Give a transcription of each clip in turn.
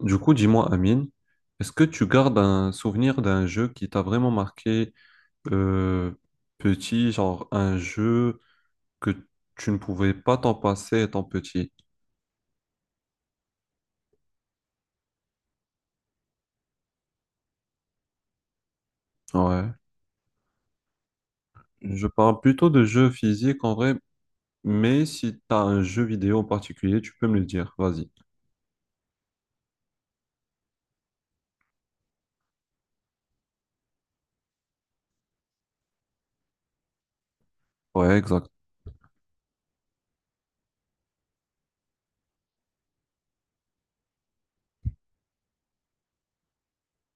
Du coup, dis-moi, Amine, est-ce que tu gardes un souvenir d'un jeu qui t'a vraiment marqué euh, petit, genre un jeu que tu ne pouvais pas t'en passer étant petit? Ouais. Je parle plutôt de jeux physiques en vrai, mais si t'as un jeu vidéo en particulier, tu peux me le dire, vas-y. Ouais, exact.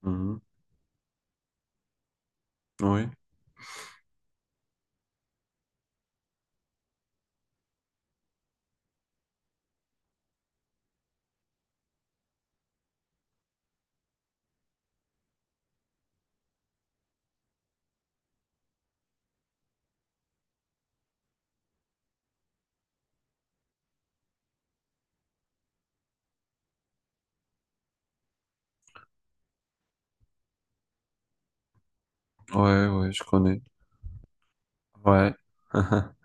Mhm. Oui, ouais, ouais, je connais. Ouais.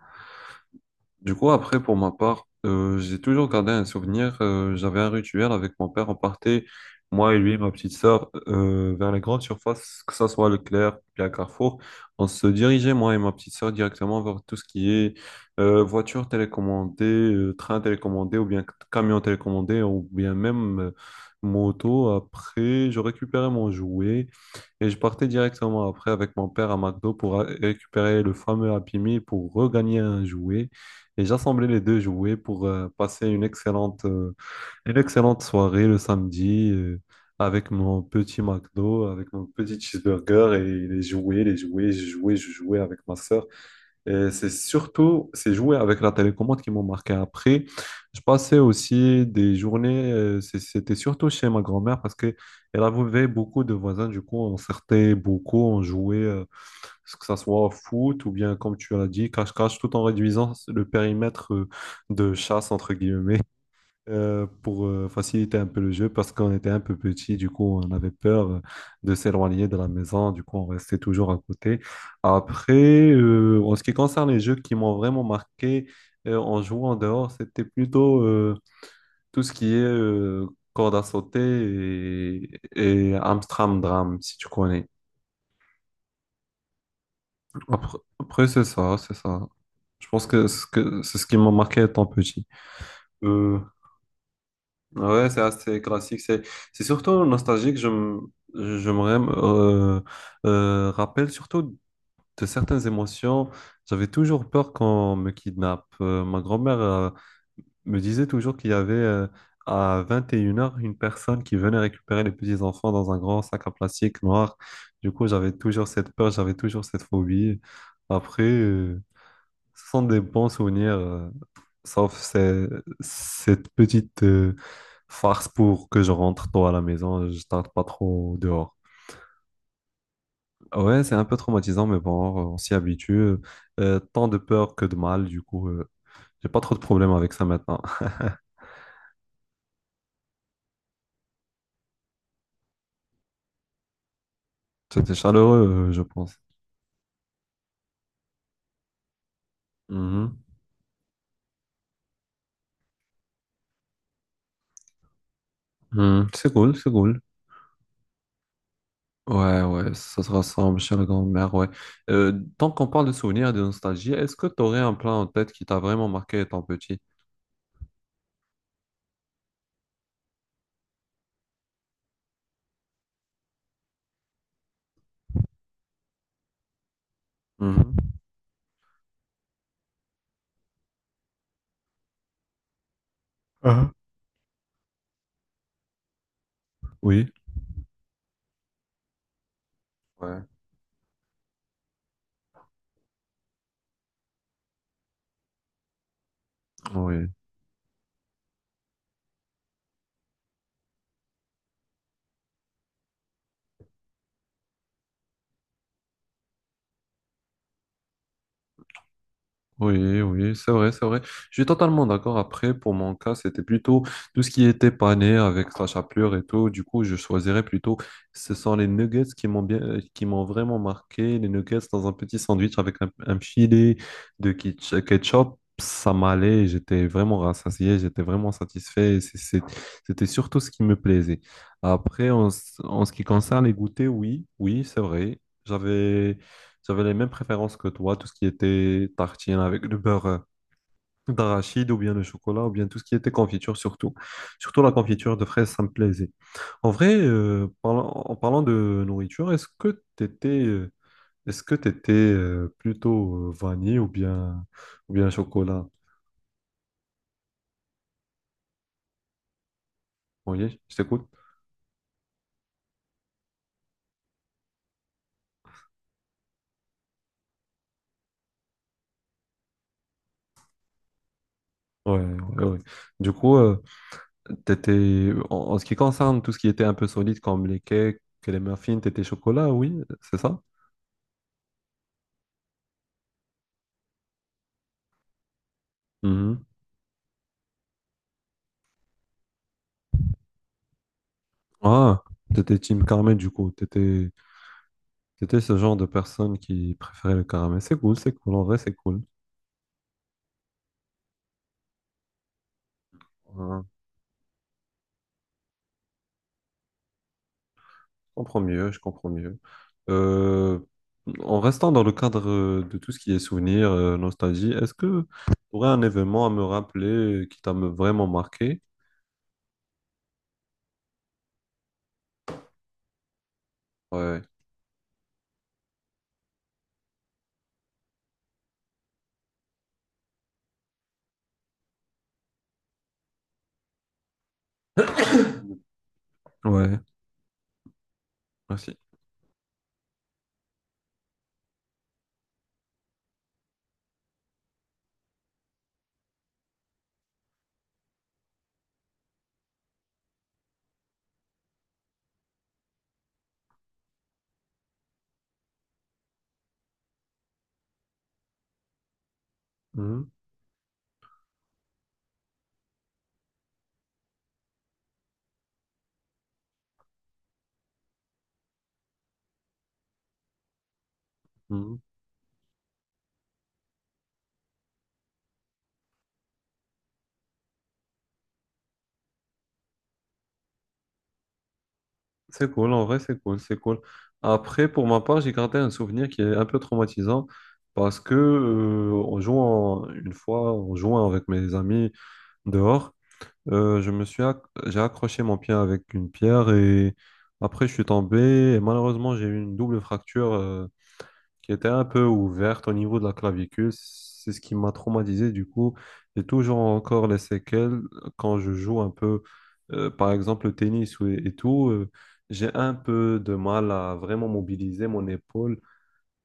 Du coup, après, pour ma part, j'ai toujours gardé un souvenir. J'avais un rituel avec mon père. On partait, moi et lui, ma petite sœur, vers les grandes surfaces, que ça soit Leclerc, puis à Carrefour. On se dirigeait, moi et ma petite sœur, directement vers tout ce qui est voiture télécommandée, train télécommandé, ou bien camion télécommandé, ou bien même, moto. Après, je récupérais mon jouet. Et je partais directement après avec mon père à McDo pour récupérer le fameux Happy Meal pour regagner un jouet. Et j'assemblais les deux jouets pour passer une excellente soirée le samedi, avec mon petit McDo, avec mon petit cheeseburger et les jouets, je jouais avec ma sœur. Et c'est surtout ces jouets avec la télécommande qui m'ont marqué. Après, je passais aussi des journées, c'était surtout chez ma grand-mère parce qu'elle avait beaucoup de voisins. Du coup, on sortait beaucoup, on jouait, que ça soit au foot ou bien, comme tu l'as dit, cache-cache, tout en réduisant le périmètre de chasse, entre guillemets, pour faciliter un peu le jeu parce qu'on était un peu petit, du coup on avait peur de s'éloigner de la maison, du coup on restait toujours à côté. Après, en ce qui concerne les jeux qui m'ont vraiment marqué en jouant dehors, c'était plutôt tout ce qui est corde à sauter et Amstramdram, si tu connais. Après, après, c'est ça, c'est ça. Je pense que c'est ce qui m'a marqué étant petit. Euh, Ouais, c'est assez classique. C'est surtout nostalgique. Je me rappelle surtout de certaines émotions. J'avais toujours peur qu'on me kidnappe. Ma grand-mère me disait toujours qu'il y avait à 21h une heures une personne qui venait récupérer les petits-enfants dans un grand sac en plastique noir. Du coup, j'avais toujours cette peur, j'avais toujours cette phobie. Après, ce sont des bons souvenirs. Sauf cette petite farce pour que je rentre tôt à la maison, je tarde pas trop dehors. Ouais, c'est un peu traumatisant, mais bon, on s'y habitue. Tant de peur que de mal, du coup, j'ai pas trop de problèmes avec ça maintenant. C'était chaleureux, je pense. Mhm. Mhm. C'est cool, c'est cool. Ouais, ouais, ça se ressemble chez la grand-mère, ouais. Tant qu'on parle de souvenirs et de nostalgie, est-ce que tu aurais un plat en tête qui t'a vraiment marqué étant petit? Mhm. Ah. Oui. Ouais. Oui. Oui, oui, c'est vrai, c'est vrai. Je suis totalement d'accord. Après, pour mon cas, c'était plutôt tout ce qui était pané avec sa chapelure et tout. Du coup, je choisirais plutôt, ce sont les nuggets qui m'ont vraiment marqué. Les nuggets dans un petit sandwich avec un filet de ketchup, ça m'allait. J'étais vraiment rassasié, j'étais vraiment satisfait. C'était surtout ce qui me plaisait. Après, en ce qui concerne les goûters, oui, oui, c'est vrai. J'avais les mêmes préférences que toi, tout ce qui était tartine avec le beurre d'arachide ou bien le chocolat ou bien tout ce qui était confiture surtout. Surtout la confiture de fraises, ça me plaisait. En vrai, en parlant de nourriture, est-ce que t'étais plutôt vanille ou bien chocolat? Oui, je t'écoute. Ouais, ouais, ouais. Du coup, en ce qui concerne tout ce qui était un peu solide comme les cakes et les muffins, t'étais chocolat, oui, c'est ça? Mm-hmm. Ah, t'étais team Carmen du coup. T'étais ce genre de personne qui préférait le caramel. C'est cool, c'est cool. En vrai, c'est cool. Ah, je comprends mieux, je comprends mieux. Euh, en restant dans le cadre de tout ce qui est souvenirs, nostalgie, est-ce que tu aurais un événement à me rappeler qui vraiment marqué? Ouais. Ouais, merci. Mhm, mhm. C'est cool, en vrai, c'est cool, c'est cool. Après, pour ma part, j'ai gardé un souvenir qui est un peu traumatisant parce que, une fois, en jouant avec mes amis dehors, je me suis acc- j'ai accroché mon pied avec une pierre et après, je suis tombé et malheureusement, j'ai eu une double fracture, qui était un peu ouverte au niveau de la clavicule. C'est ce qui m'a traumatisé. Du coup, j'ai toujours encore les séquelles quand je joue un peu, par exemple, le tennis et, tout. J'ai un peu de mal à vraiment mobiliser mon épaule.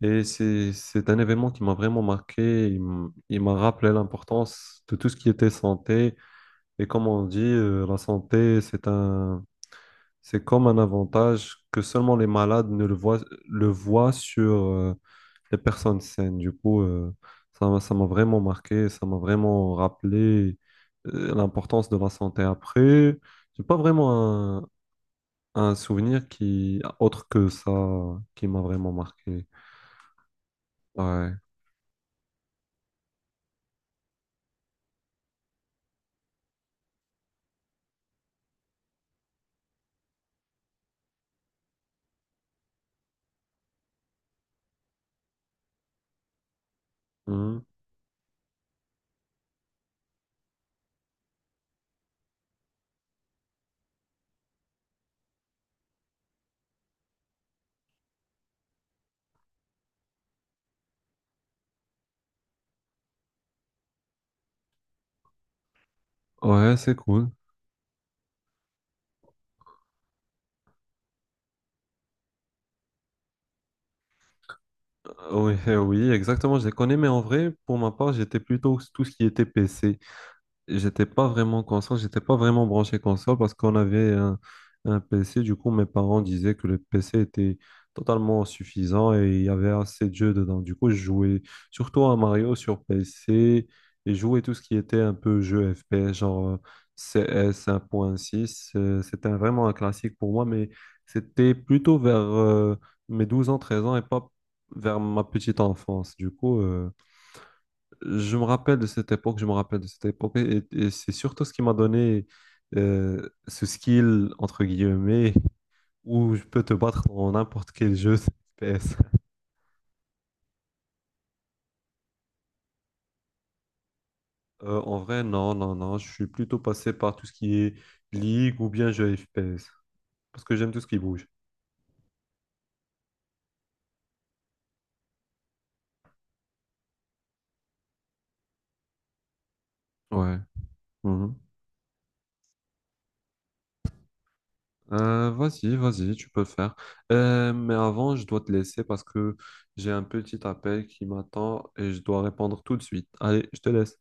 Et c'est un événement qui m'a vraiment marqué. Il m'a rappelé l'importance de tout ce qui était santé. Et comme on dit, la santé, c'est comme un avantage que seulement les malades ne le voient, le voient sur les personnes saines. Du coup, ça m'a vraiment marqué, ça m'a vraiment rappelé l'importance de la santé. Après, j'ai pas vraiment un souvenir qui, autre que ça, qui m'a vraiment marqué. Ouais. Mhm. Ouais, c'est cool. Oui, oui, exactement, je les connais, mais en vrai, pour ma part, j'étais plutôt tout ce qui était PC. J'étais pas vraiment console, j'étais pas vraiment branché console parce qu'on avait un PC. Du coup, mes parents disaient que le PC était totalement suffisant et il y avait assez de jeux dedans. Du coup, je jouais surtout à Mario sur PC et je jouais tout ce qui était un peu jeu FPS, genre CS 1.6. C'était vraiment un classique pour moi, mais c'était plutôt vers mes 12 ans, 13 ans et pas vers ma petite enfance. Du coup, je me rappelle de cette époque, je me rappelle de cette époque, et c'est surtout ce qui m'a donné ce skill, entre guillemets, où je peux te battre dans n'importe quel jeu FPS. En vrai, non, non, non, je suis plutôt passé par tout ce qui est ligue ou bien jeu FPS, parce que j'aime tout ce qui bouge. Ouais. Mhm. Vas-y, vas-y, tu peux le faire. Mais avant, je dois te laisser parce que j'ai un petit appel qui m'attend et je dois répondre tout de suite. Allez, je te laisse.